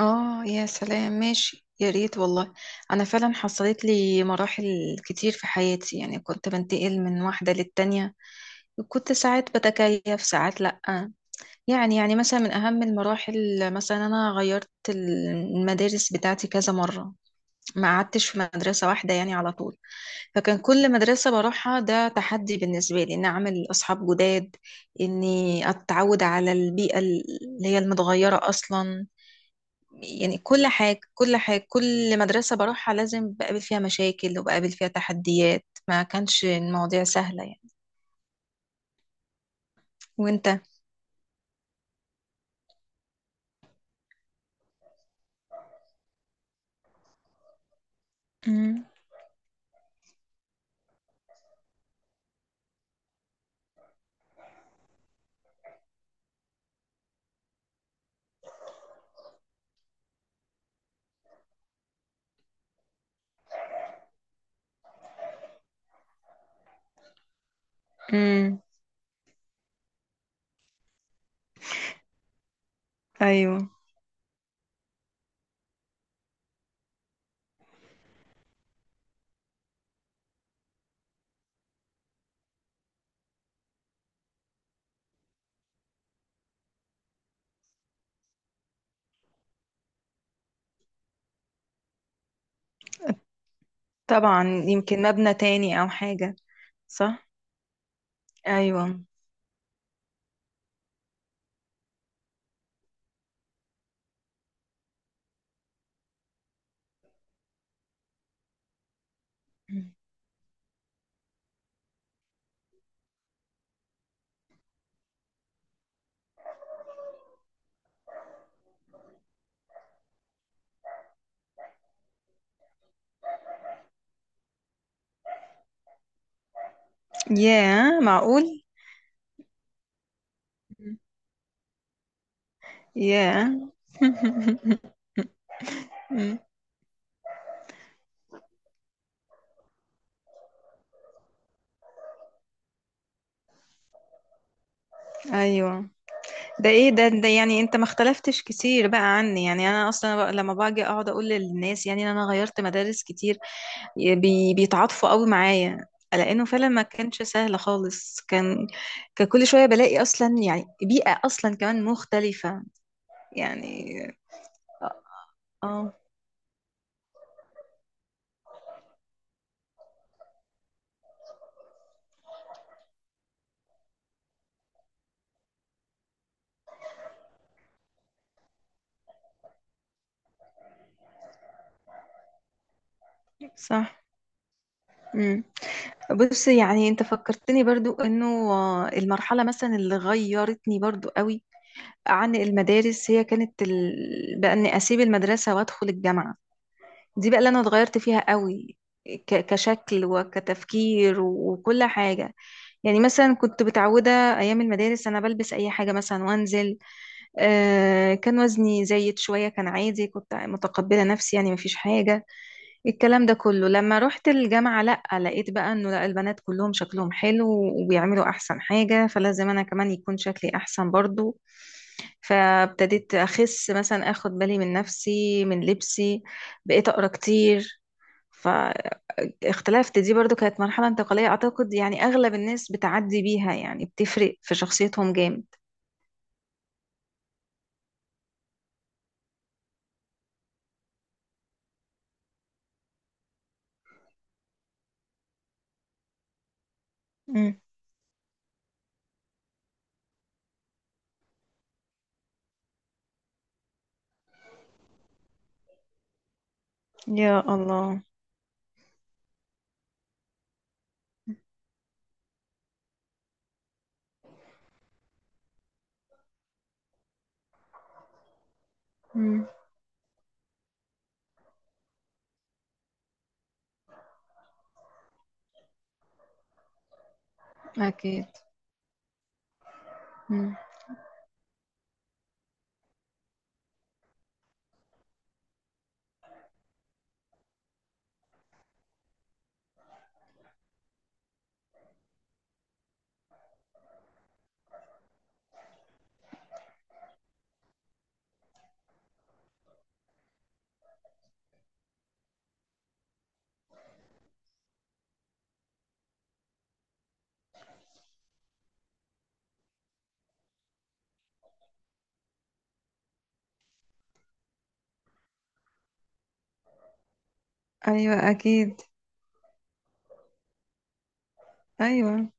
اه، يا سلام! ماشي، يا ريت والله. انا فعلا حصلت لي مراحل كتير في حياتي، يعني كنت بنتقل من واحدة للتانية، وكنت ساعات بتكيف ساعات لأ. يعني مثلا من اهم المراحل، مثلا انا غيرت المدارس بتاعتي كذا مرة، ما قعدتش في مدرسة واحدة يعني على طول. فكان كل مدرسة بروحها ده تحدي بالنسبة لي، إن أعمل أصحاب جداد، إني أتعود على البيئة اللي هي المتغيرة أصلا. يعني كل حاجة، كل حاجة، كل مدرسة بروحها لازم بقابل فيها مشاكل وبقابل فيها تحديات. ما كانش المواضيع سهلة يعني. وانت؟ مم. امم. ايوه، طبعا يمكن مبنى تاني او حاجة. صح. ايوه. مم. ياه، معقول. مم. ياه. مم. ايوه. ده ايه ده يعني انت ما اختلفتش كتير بقى عني. يعني انا اصلا بقى لما باجي اقعد اقول للناس يعني إن انا غيرت مدارس كتير، بيتعاطفوا قوي معايا، لانه فعلا ما كانش سهل خالص. كان كل شويه بلاقي اصلا، يعني بيئه اصلا كمان مختلفه يعني. اه. صح. امم. بص، يعني انت فكرتني برضو انه، المرحله مثلا اللي غيرتني برضو قوي عن المدارس، هي كانت بقى اني اسيب المدرسه وادخل الجامعه. دي بقى اللي انا اتغيرت فيها قوي، كشكل وكتفكير وكل حاجة. يعني مثلا كنت متعودة، ايام المدارس انا بلبس اي حاجة مثلا وانزل. كان وزني زايد شوية، كان عادي، كنت متقبلة نفسي، يعني مفيش حاجة. الكلام ده كله لما رحت الجامعة لأ، لقيت بقى انه لأ، البنات كلهم شكلهم حلو وبيعملوا احسن حاجة، فلازم انا كمان يكون شكلي احسن برضو. فابتديت اخس مثلا، اخد بالي من نفسي من لبسي، بقيت اقرا كتير، فاختلفت. دي برضو كانت مرحلة انتقالية أعتقد، يعني أغلب الناس بتعدي بيها، يعني بتفرق في شخصيتهم جامد. مم. يا الله. مم. أكيد. مم. أيوة، أكيد. أيوة.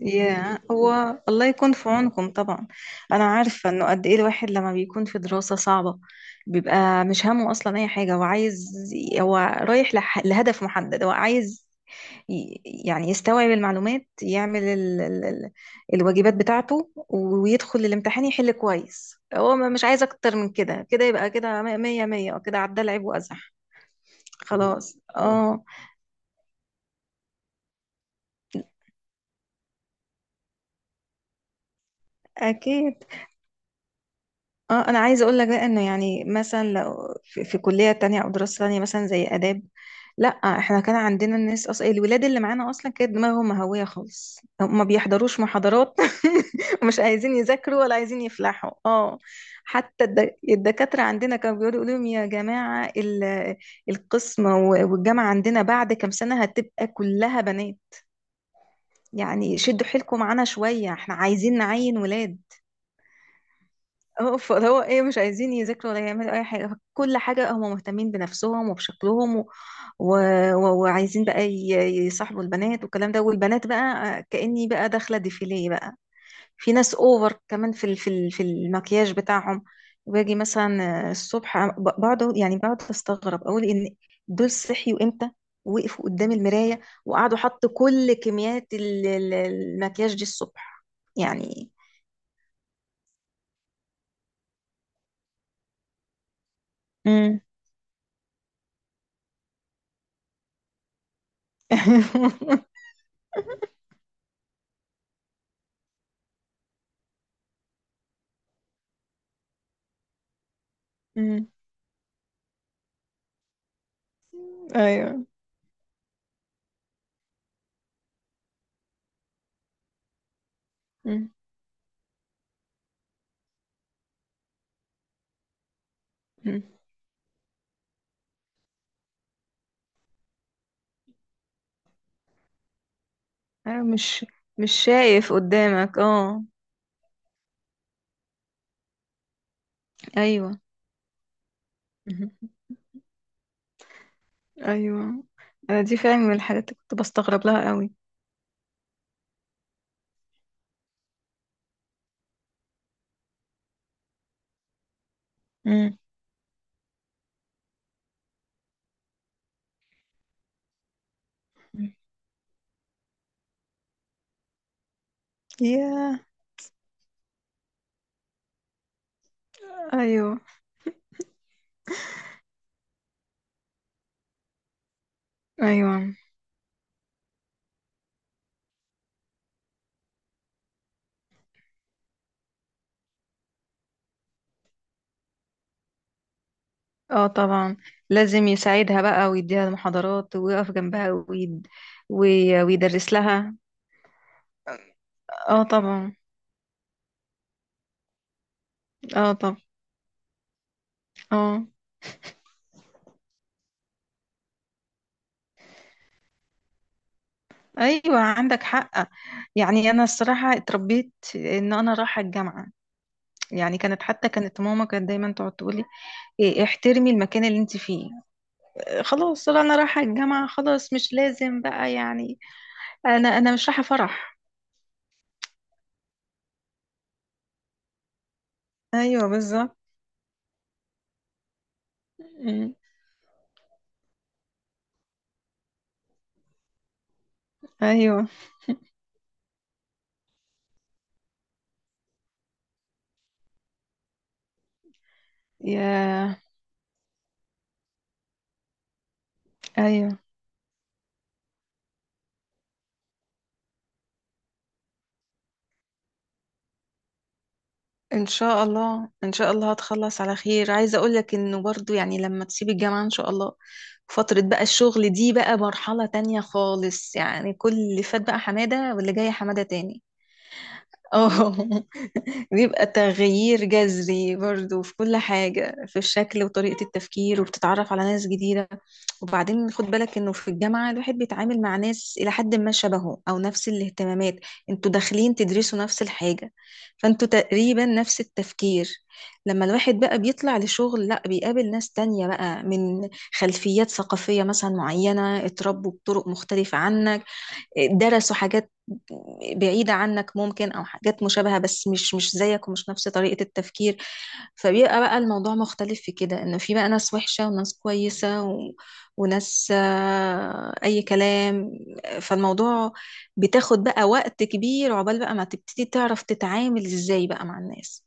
يا هو، الله يكون في عونكم طبعا. انا عارفه انه قد ايه الواحد لما بيكون في دراسه صعبه، بيبقى مش همه اصلا اي حاجه. هو عايز، هو رايح لهدف محدد. هو عايز يعني يستوعب المعلومات، يعمل الواجبات بتاعته، ويدخل الامتحان يحل كويس. هو مش عايز اكتر من كده، كده يبقى كده مية مية، وكده عدى لعب وازح. خلاص. اه. اكيد. اه، انا عايزه اقول لك بقى انه، يعني مثلا لو في كليه تانية او دراسه تانية مثلا زي اداب، لا. احنا كان عندنا الناس اصلا، الولاد اللي معانا اصلا كانت دماغهم مهويه خالص، هم ما بيحضروش محاضرات. ومش عايزين يذاكروا ولا عايزين يفلحوا. اه. حتى الدكاتره عندنا كانوا يقولوا لهم: يا جماعه، القسم والجامعه عندنا بعد كام سنه هتبقى كلها بنات، يعني شدوا حيلكم معانا شويه، احنا عايزين نعين ولاد. اه، فهو ايه، مش عايزين يذاكروا ولا يعملوا اي حاجه. كل حاجه هم مهتمين بنفسهم وبشكلهم، و... وعايزين بقى يصاحبوا البنات والكلام ده، والبنات بقى كاني بقى داخله ديفيليه بقى. في ناس اوفر كمان في المكياج بتاعهم. باجي مثلا الصبح بقعد، يعني بقعد استغرب، اقول ان دول صحيوا امتى؟ وقفوا قدام المرايه وقعدوا حطوا كل كميات المكياج دي الصبح. يعني. امم. ايوه. مم. مم. ايوه، مش شايف قدامك. اه. ايوه. مهم. ايوه، انا دي فعلا من الحاجات اللي كنت بستغرب لها قوي. مم. مم. ياه. ايوه. ايوه. اه طبعا، لازم يساعدها بقى، ويديها المحاضرات، ويقف جنبها، ويدرس لها. اه طبعا. اه طبعا. اه. ايوه عندك حق. يعني انا الصراحه اتربيت ان انا رايحه الجامعه. يعني كانت، حتى كانت ماما كانت دايما تقعد تقولي: إيه، احترمي المكان اللي انت فيه، إيه، خلاص. لا، انا رايحه الجامعه خلاص، مش لازم بقى يعني، انا مش رايحه فرح. ايوه بالظبط. أمم. ايوه. يا. ايوه. ان شاء الله، ان شاء الله هتخلص على خير. عايزه اقول لك انه برضو يعني لما تسيبي الجامعه ان شاء الله، فتره بقى الشغل دي بقى مرحله تانية خالص، يعني كل اللي فات بقى حماده، واللي جاي حماده تاني. اه. بيبقى تغيير جذري برضو في كل حاجة، في الشكل وطريقة التفكير، وبتتعرف على ناس جديدة. وبعدين خد بالك انه في الجامعة الواحد بيتعامل مع ناس إلى حد ما شبهه أو نفس الاهتمامات، انتوا داخلين تدرسوا نفس الحاجة، فانتوا تقريبا نفس التفكير. لما الواحد بقى بيطلع لشغل، لا بيقابل ناس تانية بقى من خلفيات ثقافية مثلا معينة اتربوا بطرق مختلفة عنك، درسوا حاجات بعيدة عنك ممكن أو حاجات مشابهة، بس مش زيك ومش نفس طريقة التفكير. فبيبقى بقى الموضوع مختلف في كده، إنه في بقى ناس وحشة وناس كويسة، و... وناس أي كلام. فالموضوع بتاخد بقى وقت كبير عقبال بقى ما تبتدي تعرف تتعامل إزاي بقى مع الناس.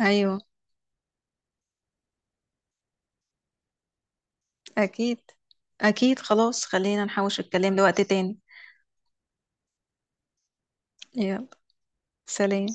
أيوه. أكيد. أكيد خلاص، خلينا نحوش الكلام لوقت تاني. يلا. سلام.